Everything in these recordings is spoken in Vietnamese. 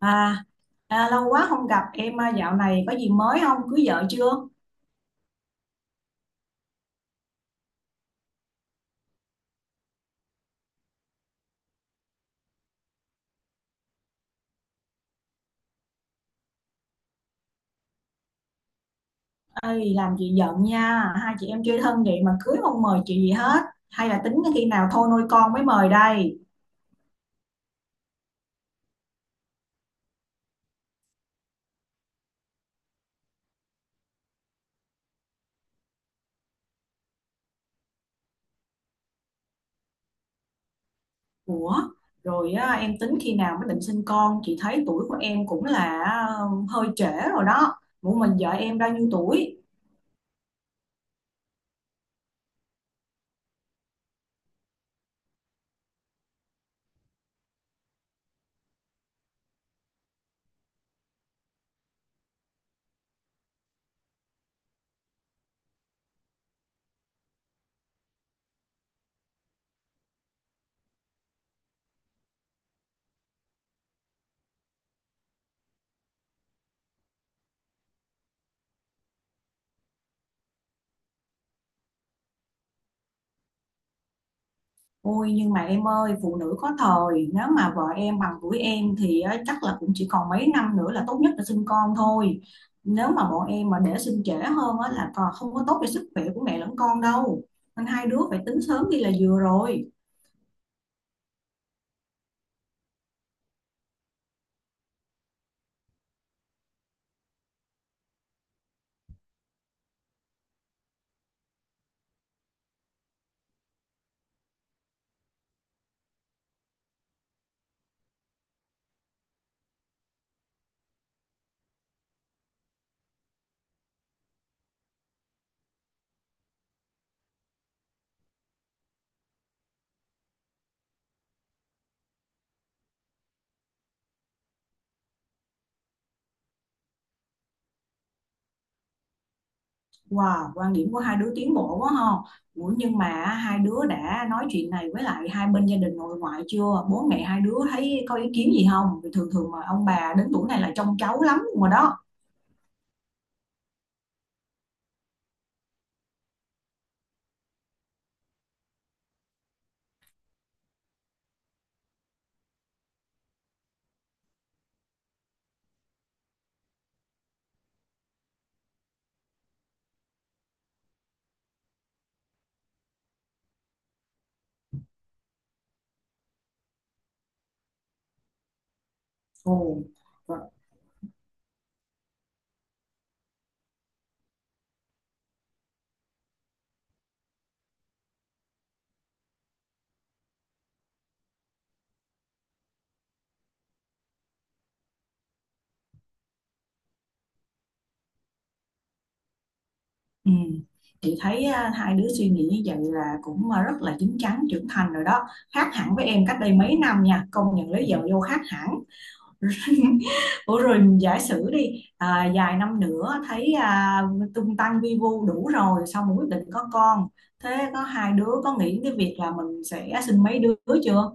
À, à, lâu quá không gặp em à, dạo này có gì mới không? Cưới vợ chưa? Ơi làm chị giận nha, hai chị em chơi thân vậy mà cưới không mời chị gì hết. Hay là tính khi nào thôi nuôi con mới mời đây? Ủa, rồi á, em tính khi nào mới định sinh con? Chị thấy tuổi của em cũng là hơi trễ rồi đó. Ủa mình vợ em bao nhiêu tuổi? Ôi nhưng mà em ơi, phụ nữ có thời. Nếu mà vợ em bằng tuổi em thì á, chắc là cũng chỉ còn mấy năm nữa là tốt nhất là sinh con thôi. Nếu mà bọn em mà để sinh trễ hơn á, là còn không có tốt cho sức khỏe của mẹ lẫn con đâu. Nên hai đứa phải tính sớm đi là vừa rồi. Wow quan điểm của hai đứa tiến bộ quá ha. Ủa nhưng mà hai đứa đã nói chuyện này với lại hai bên gia đình nội ngoại chưa? Bố mẹ hai đứa thấy có ý kiến gì không? Vì thường thường mà ông bà đến tuổi này là trông cháu lắm rồi đó. Ồ. Ừ. Chị thấy hai đứa suy nghĩ như vậy là cũng rất là chín chắn trưởng thành rồi đó, khác hẳn với em cách đây mấy năm nha, công nhận lấy vợ vô khác hẳn. Ủa rồi giả sử đi vài năm nữa thấy tung tăng vi vu đủ rồi xong rồi quyết định có con, thế có hai đứa có nghĩ cái việc là mình sẽ sinh mấy đứa chưa?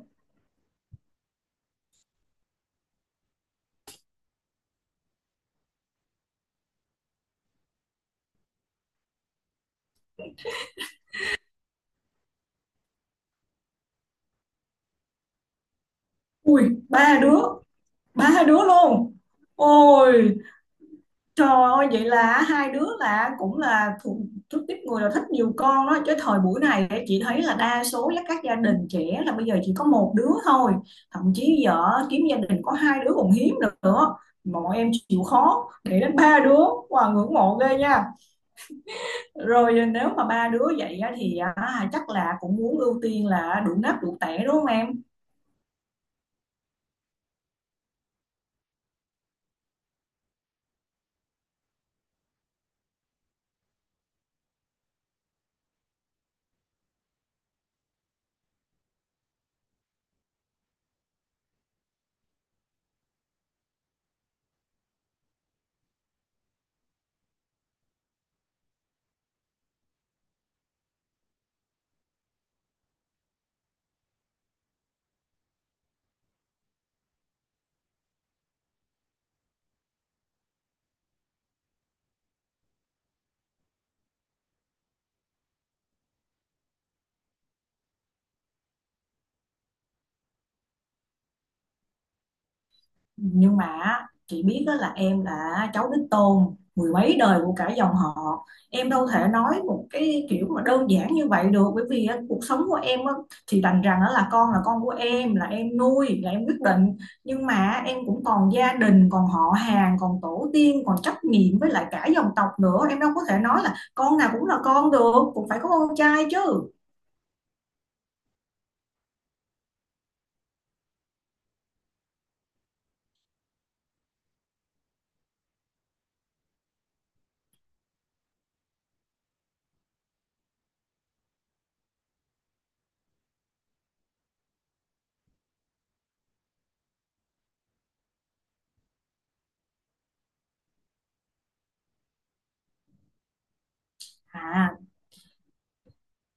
Ui, ba đứa, ba đứa luôn. Ôi. Trời ơi, vậy là hai đứa là cũng là thuộc thuộc tiếp người là thích nhiều con đó chứ. Thời buổi này á, chị thấy là đa số là các gia đình trẻ là bây giờ chỉ có một đứa thôi, thậm chí giờ kiếm gia đình có hai đứa còn hiếm nữa. Bọn em chịu khó để đến ba đứa, wow ngưỡng mộ ghê nha. Rồi nếu mà ba đứa vậy á, thì chắc là cũng muốn ưu tiên là đủ nắp đủ tẻ đúng không em? Nhưng mà á, chị biết đó, là em là cháu đích tôn mười mấy đời của cả dòng họ, em đâu thể nói một cái kiểu mà đơn giản như vậy được, bởi vì á, cuộc sống của em á, thì đành rằng đó là con, là con của em, là em nuôi, là em quyết định, nhưng mà em cũng còn gia đình, còn họ hàng, còn tổ tiên, còn trách nhiệm với lại cả dòng tộc nữa, em đâu có thể nói là con nào cũng là con được, cũng phải có con trai chứ. à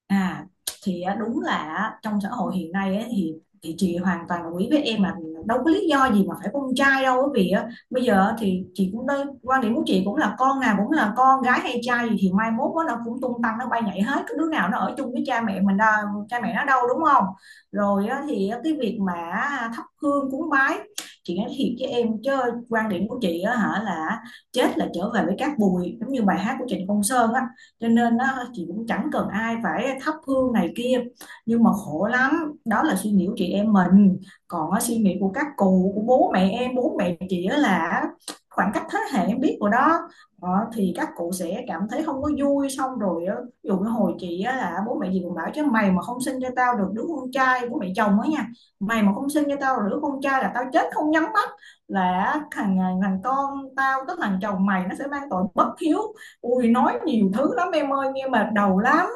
À thì á, đúng là á, trong xã hội hiện nay ấy, thì chị hoàn toàn đồng ý với em mà, đâu có lý do gì mà phải con trai đâu, bởi vì á, bây giờ á, thì chị cũng đây, quan điểm của chị cũng là con nào cũng là con, gái hay trai gì thì mai mốt á, nó cũng tung tăng nó bay nhảy hết, cái đứa nào nó ở chung với cha mẹ mình đâu, cha mẹ nó đâu đúng không? Rồi á, thì á, cái việc mà thắp hương cúng bái, chị nói thiệt với em chứ, quan điểm của chị á, hả, là chết là trở về với cát bụi giống như bài hát của Trịnh Công Sơn á, cho nên á, chị cũng chẳng cần ai phải thắp hương này kia. Nhưng mà khổ lắm, đó là suy nghĩ của chị em mình, còn á, suy nghĩ của các cụ, của bố mẹ em, bố mẹ chị á là khoảng cách thế hệ em biết rồi đó. Ờ, thì các cụ sẽ cảm thấy không có vui, xong rồi á, ví dụ như hồi chị á, là bố mẹ gì cũng bảo chứ mày mà không sinh cho tao được đứa con trai, bố mẹ chồng á nha, mày mà không sinh cho tao được đứa con trai là tao chết không nhắm mắt, là thằng con tao, tức thằng chồng mày nó sẽ mang tội bất hiếu. Ui, nói nhiều thứ lắm em ơi, nghe mệt đầu lắm.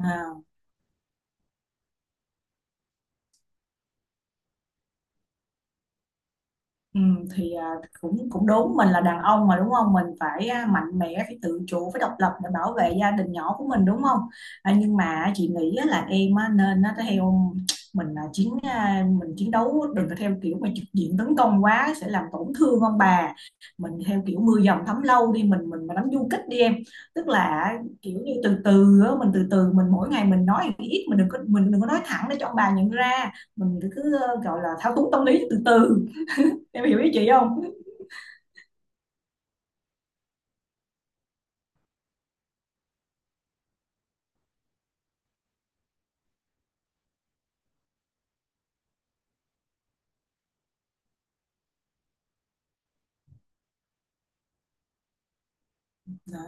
À. Ừ, thì cũng cũng đúng, mình là đàn ông mà đúng không, mình phải mạnh mẽ, phải tự chủ, phải độc lập để bảo vệ gia đình nhỏ của mình đúng không? Nhưng mà chị nghĩ á, là em á, nên á, theo mình là mình chiến đấu, đừng có theo kiểu mà trực diện tấn công quá sẽ làm tổn thương ông bà, mình theo kiểu mưa dầm thấm lâu đi, mình mà đánh du kích đi em, tức là kiểu như từ từ á, mình từ từ, mình mỗi ngày mình nói ít, mình đừng có nói thẳng, để cho ông bà nhận ra. Mình cứ gọi là thao túng tâm lý từ từ. Em hiểu ý chị không? Đó.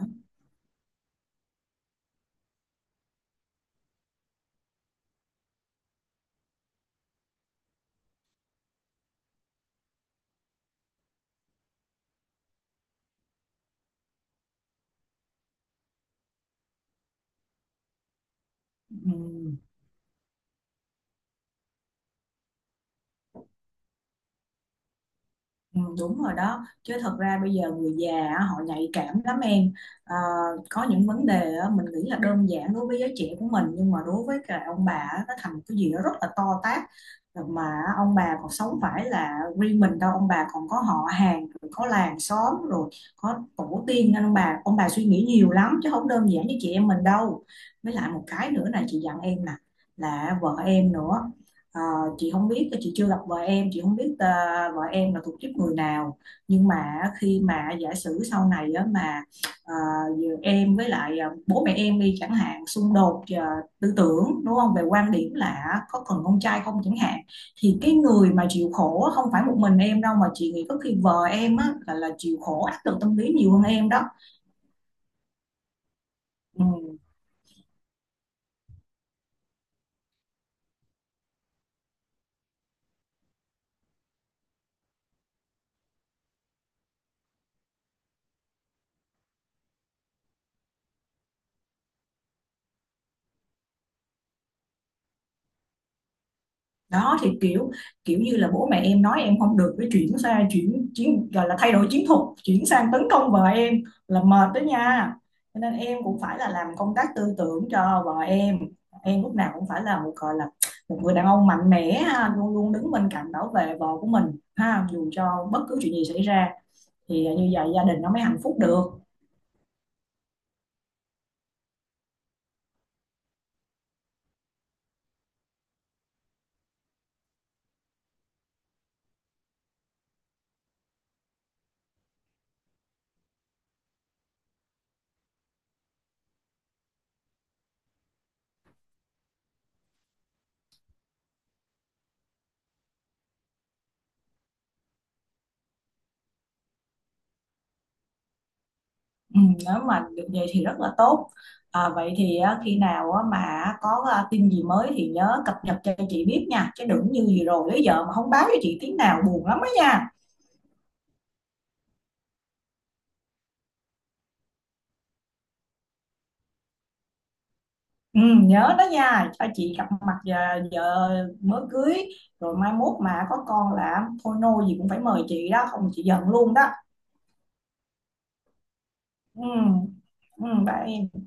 Ừ, ừ, đúng rồi đó chứ, thật ra bây giờ người già á, họ nhạy cảm lắm em. Ờ, có những vấn đề á, mình nghĩ là đơn giản đối với giới trẻ của mình nhưng mà đối với cả ông bà á, nó thành một cái gì đó rất là to tát, mà ông bà còn sống phải là riêng mình đâu, ông bà còn có họ hàng rồi có làng xóm rồi có tổ tiên, nên ông bà suy nghĩ nhiều lắm chứ không đơn giản như chị em mình đâu. Với lại một cái nữa này chị dặn em nè, là vợ em nữa. Ờ, chị không biết, chị chưa gặp vợ em, chị không biết vợ em là thuộc tiếp người nào, nhưng mà khi mà giả sử sau này á, mà ờ, giờ em với lại bố mẹ em đi chẳng hạn xung đột tư tưởng đúng không, về quan điểm là có cần con trai không chẳng hạn, thì cái người mà chịu khổ á, không phải một mình em đâu mà chị nghĩ có khi vợ em á, là chịu khổ áp lực tâm lý nhiều hơn em đó. Ừ. Đó thì kiểu kiểu như là bố mẹ em nói em không được cái, chuyển sang chuyển chiến, gọi là thay đổi chiến thuật, chuyển sang tấn công vợ em là mệt đó nha, cho nên em cũng phải là làm công tác tư tưởng cho vợ em. Em lúc nào cũng phải là một, gọi là một người đàn ông mạnh mẽ ha, luôn luôn đứng bên cạnh bảo vệ vợ của mình ha, dù cho bất cứ chuyện gì xảy ra, thì như vậy gia đình nó mới hạnh phúc được. Ừ, nếu mà được vậy thì rất là tốt. À, vậy thì á, khi nào á, mà có tin gì mới thì nhớ cập nhật cho chị biết nha. Chứ đừng như gì rồi tới giờ mà không báo cho chị tiếng nào buồn lắm á nha. Ừ, nhớ đó nha, cho chị gặp mặt, giờ mới cưới, rồi mai mốt mà có con là thôi nôi gì cũng phải mời chị đó, không chị giận luôn đó. Ừ, ừ, bye em.